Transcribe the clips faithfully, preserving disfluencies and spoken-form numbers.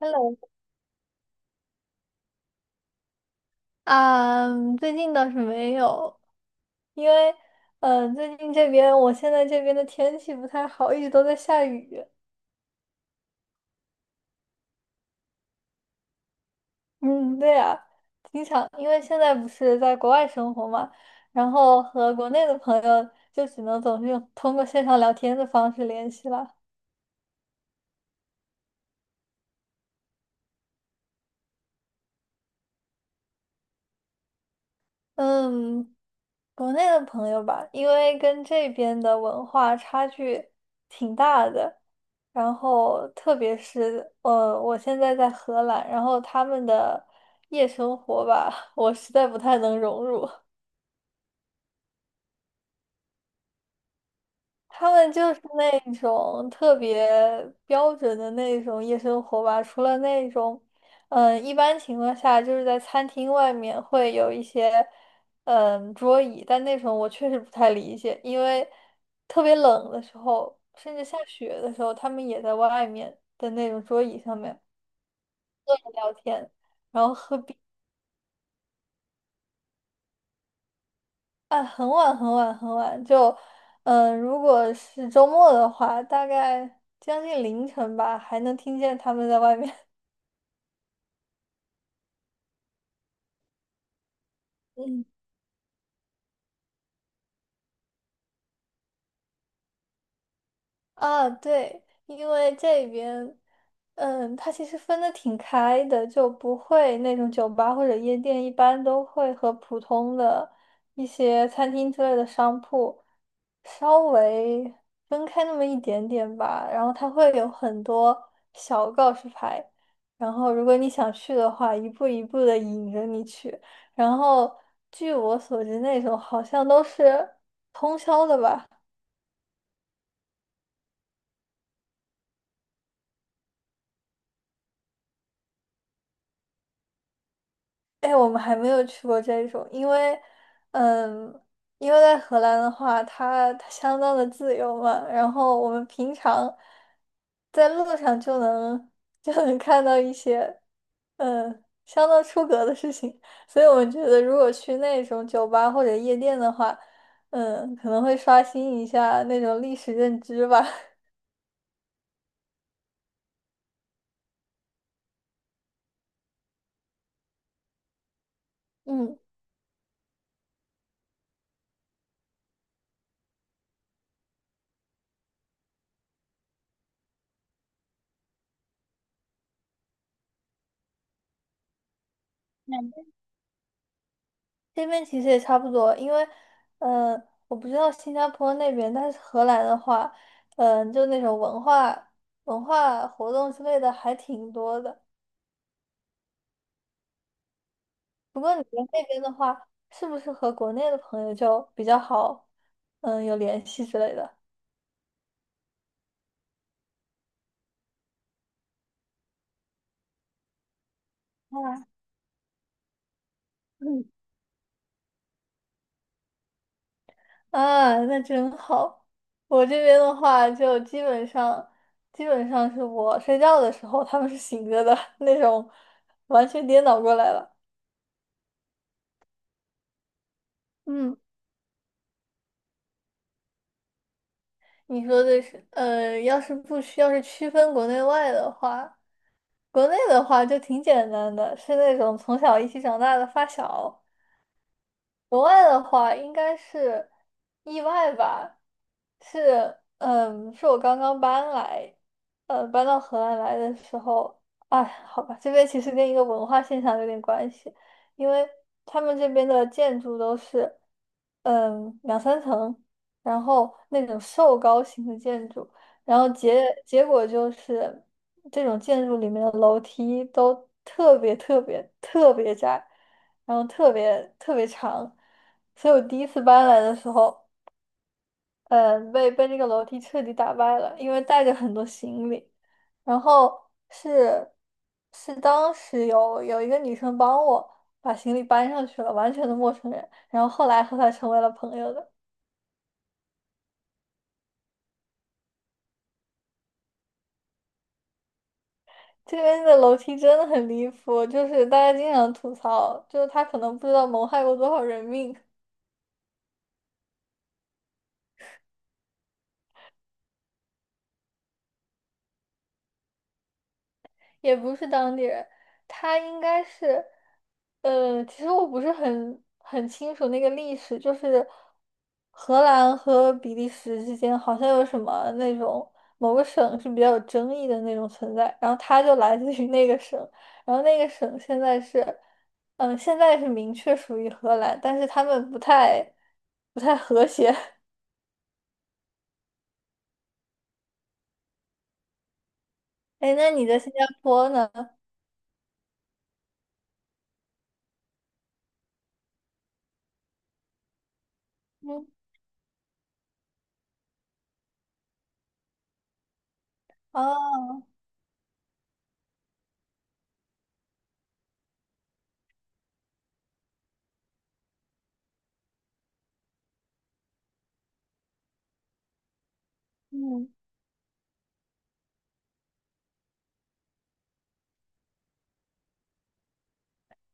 Hello，啊，最近倒是没有，因为，嗯、呃最近这边我现在这边的天气不太好，一直都在下雨。嗯，对呀、经常因为现在不是在国外生活嘛，然后和国内的朋友就只能总是用通过线上聊天的方式联系了。嗯，国内的朋友吧，因为跟这边的文化差距挺大的，然后特别是呃，我现在在荷兰，然后他们的夜生活吧，我实在不太能融入。他们就是那种特别标准的那种夜生活吧，除了那种，嗯，一般情况下就是在餐厅外面会有一些，嗯，桌椅，但那种我确实不太理解，因为特别冷的时候，甚至下雪的时候，他们也在外面的那种桌椅上面聊天。然后喝。啊，很晚很晚很晚，就，嗯、如果是周末的话，大概将近凌晨吧，还能听见他们在外面。啊，对，因为这边，嗯，它其实分的挺开的，就不会那种酒吧或者夜店，一般都会和普通的一些餐厅之类的商铺稍微分开那么一点点吧。然后它会有很多小告示牌，然后如果你想去的话，一步一步的引着你去。然后据我所知，那种好像都是通宵的吧。哎，我们还没有去过这种，因为，嗯，因为在荷兰的话，它它相当的自由嘛，然后我们平常在路上就能就能看到一些，嗯，相当出格的事情，所以我们觉得如果去那种酒吧或者夜店的话，嗯，可能会刷新一下那种历史认知吧，嗯。这边其实也差不多，因为，呃，我不知道新加坡那边，但是荷兰的话，嗯、就那种文化、文化活动之类的还挺多的。不过你们那边的话，是不是和国内的朋友就比较好，嗯、有联系之类的？啊，嗯，啊，那真好。我这边的话，就基本上，基本上是我睡觉的时候，他们是醒着的 那种，完全颠倒过来了。嗯。你说的是，呃，要是不需要是区分国内外的话，国内的话就挺简单的，是那种从小一起长大的发小，国外的话应该是意外吧，是嗯，是我刚刚搬来，呃，搬到河兰来的时候，哎，好吧，这边其实跟一个文化现象有点关系，因为他们这边的建筑都是嗯两三层，然后那种瘦高型的建筑，然后结结果就是这种建筑里面的楼梯都特别特别特别窄。然后特别特别长，所以我第一次搬来的时候，嗯，被被那个楼梯彻底打败了，因为带着很多行李，然后是是当时有有一个女生帮我把行李搬上去了，完全的陌生人，然后后来和她成为了朋友的。这边的楼梯真的很离谱，就是大家经常吐槽，就是他可能不知道谋害过多少人命。也不是当地人，他应该是，呃，其实我不是很很清楚那个历史，就是荷兰和比利时之间好像有什么那种某个省是比较有争议的那种存在，然后他就来自于那个省，然后那个省现在是，嗯、现在是明确属于荷兰，但是他们不太不太和谐。哎，那你在新加坡呢？嗯，啊，嗯，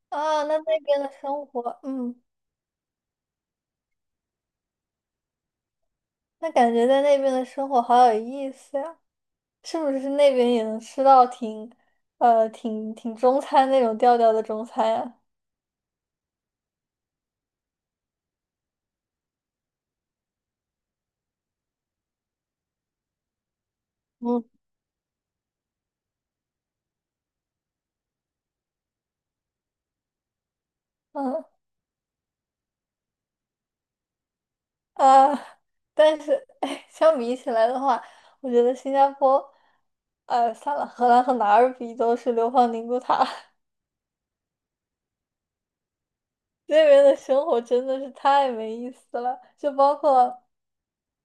啊，那那边的生活，嗯。那感觉在那边的生活好有意思呀！是不是那边也能吃到挺，呃，挺挺中餐那种调调的中餐呀？嗯，嗯啊，但是哎，相比起来的话，我觉得新加坡，呃，算了，荷兰和哪儿比都是流放宁古塔，那边的生活真的是太没意思了，就包括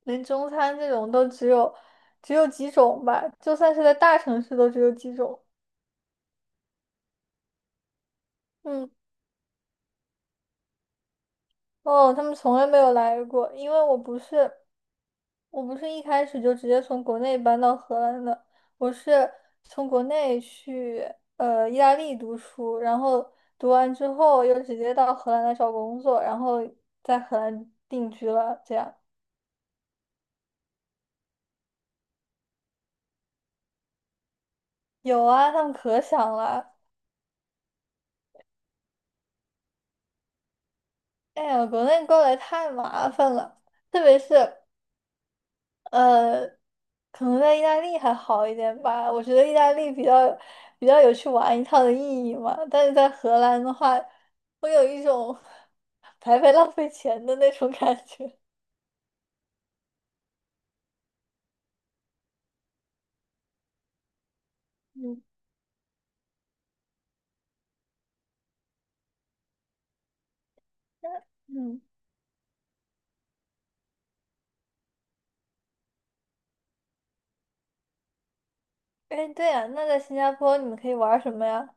连中餐这种都只有只有几种吧，就算是在大城市都只有几种。嗯。哦，他们从来没有来过，因为我不是，我不是一开始就直接从国内搬到荷兰的，我是从国内去呃意大利读书，然后读完之后又直接到荷兰来找工作，然后在荷兰定居了。这样有啊，他们可想了。哎呀，国内过来太麻烦了，特别是。呃，可能在意大利还好一点吧。我觉得意大利比较比较有去玩一趟的意义嘛。但是在荷兰的话，会有一种 白白浪费钱的那种感觉。嗯嗯哎，对呀，那在新加坡你们可以玩什么呀？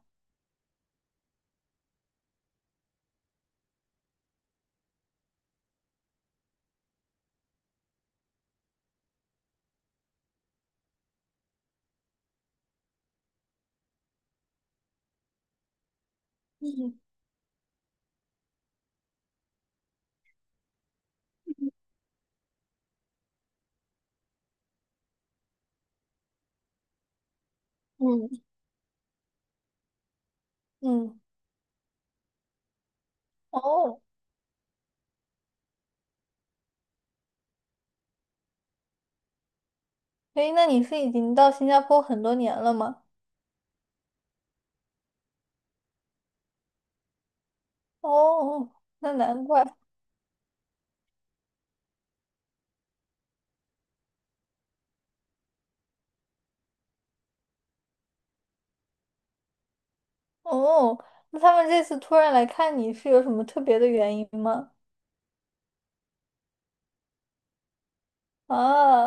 嗯嗯，嗯，哦，哎，那你是已经到新加坡很多年了吗？哦，那难怪。哦，那他们这次突然来看你是有什么特别的原因吗？啊，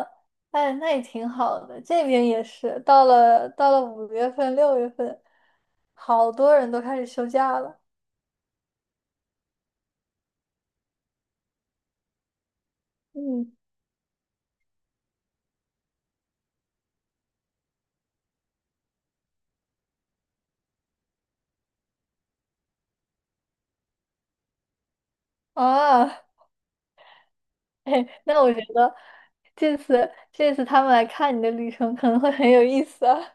哎，那也挺好的。这边也是，到了到了五月份、六月份，好多人都开始休假了。嗯啊，嘿，那我觉得这次这次他们来看你的旅程可能会很有意思啊。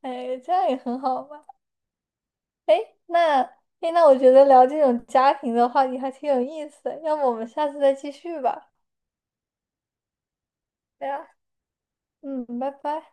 哎，这样也很好嘛。哎，那哎那我觉得聊这种家庭的话题还挺有意思的，要不我们下次再继续吧？对呀，嗯，拜拜。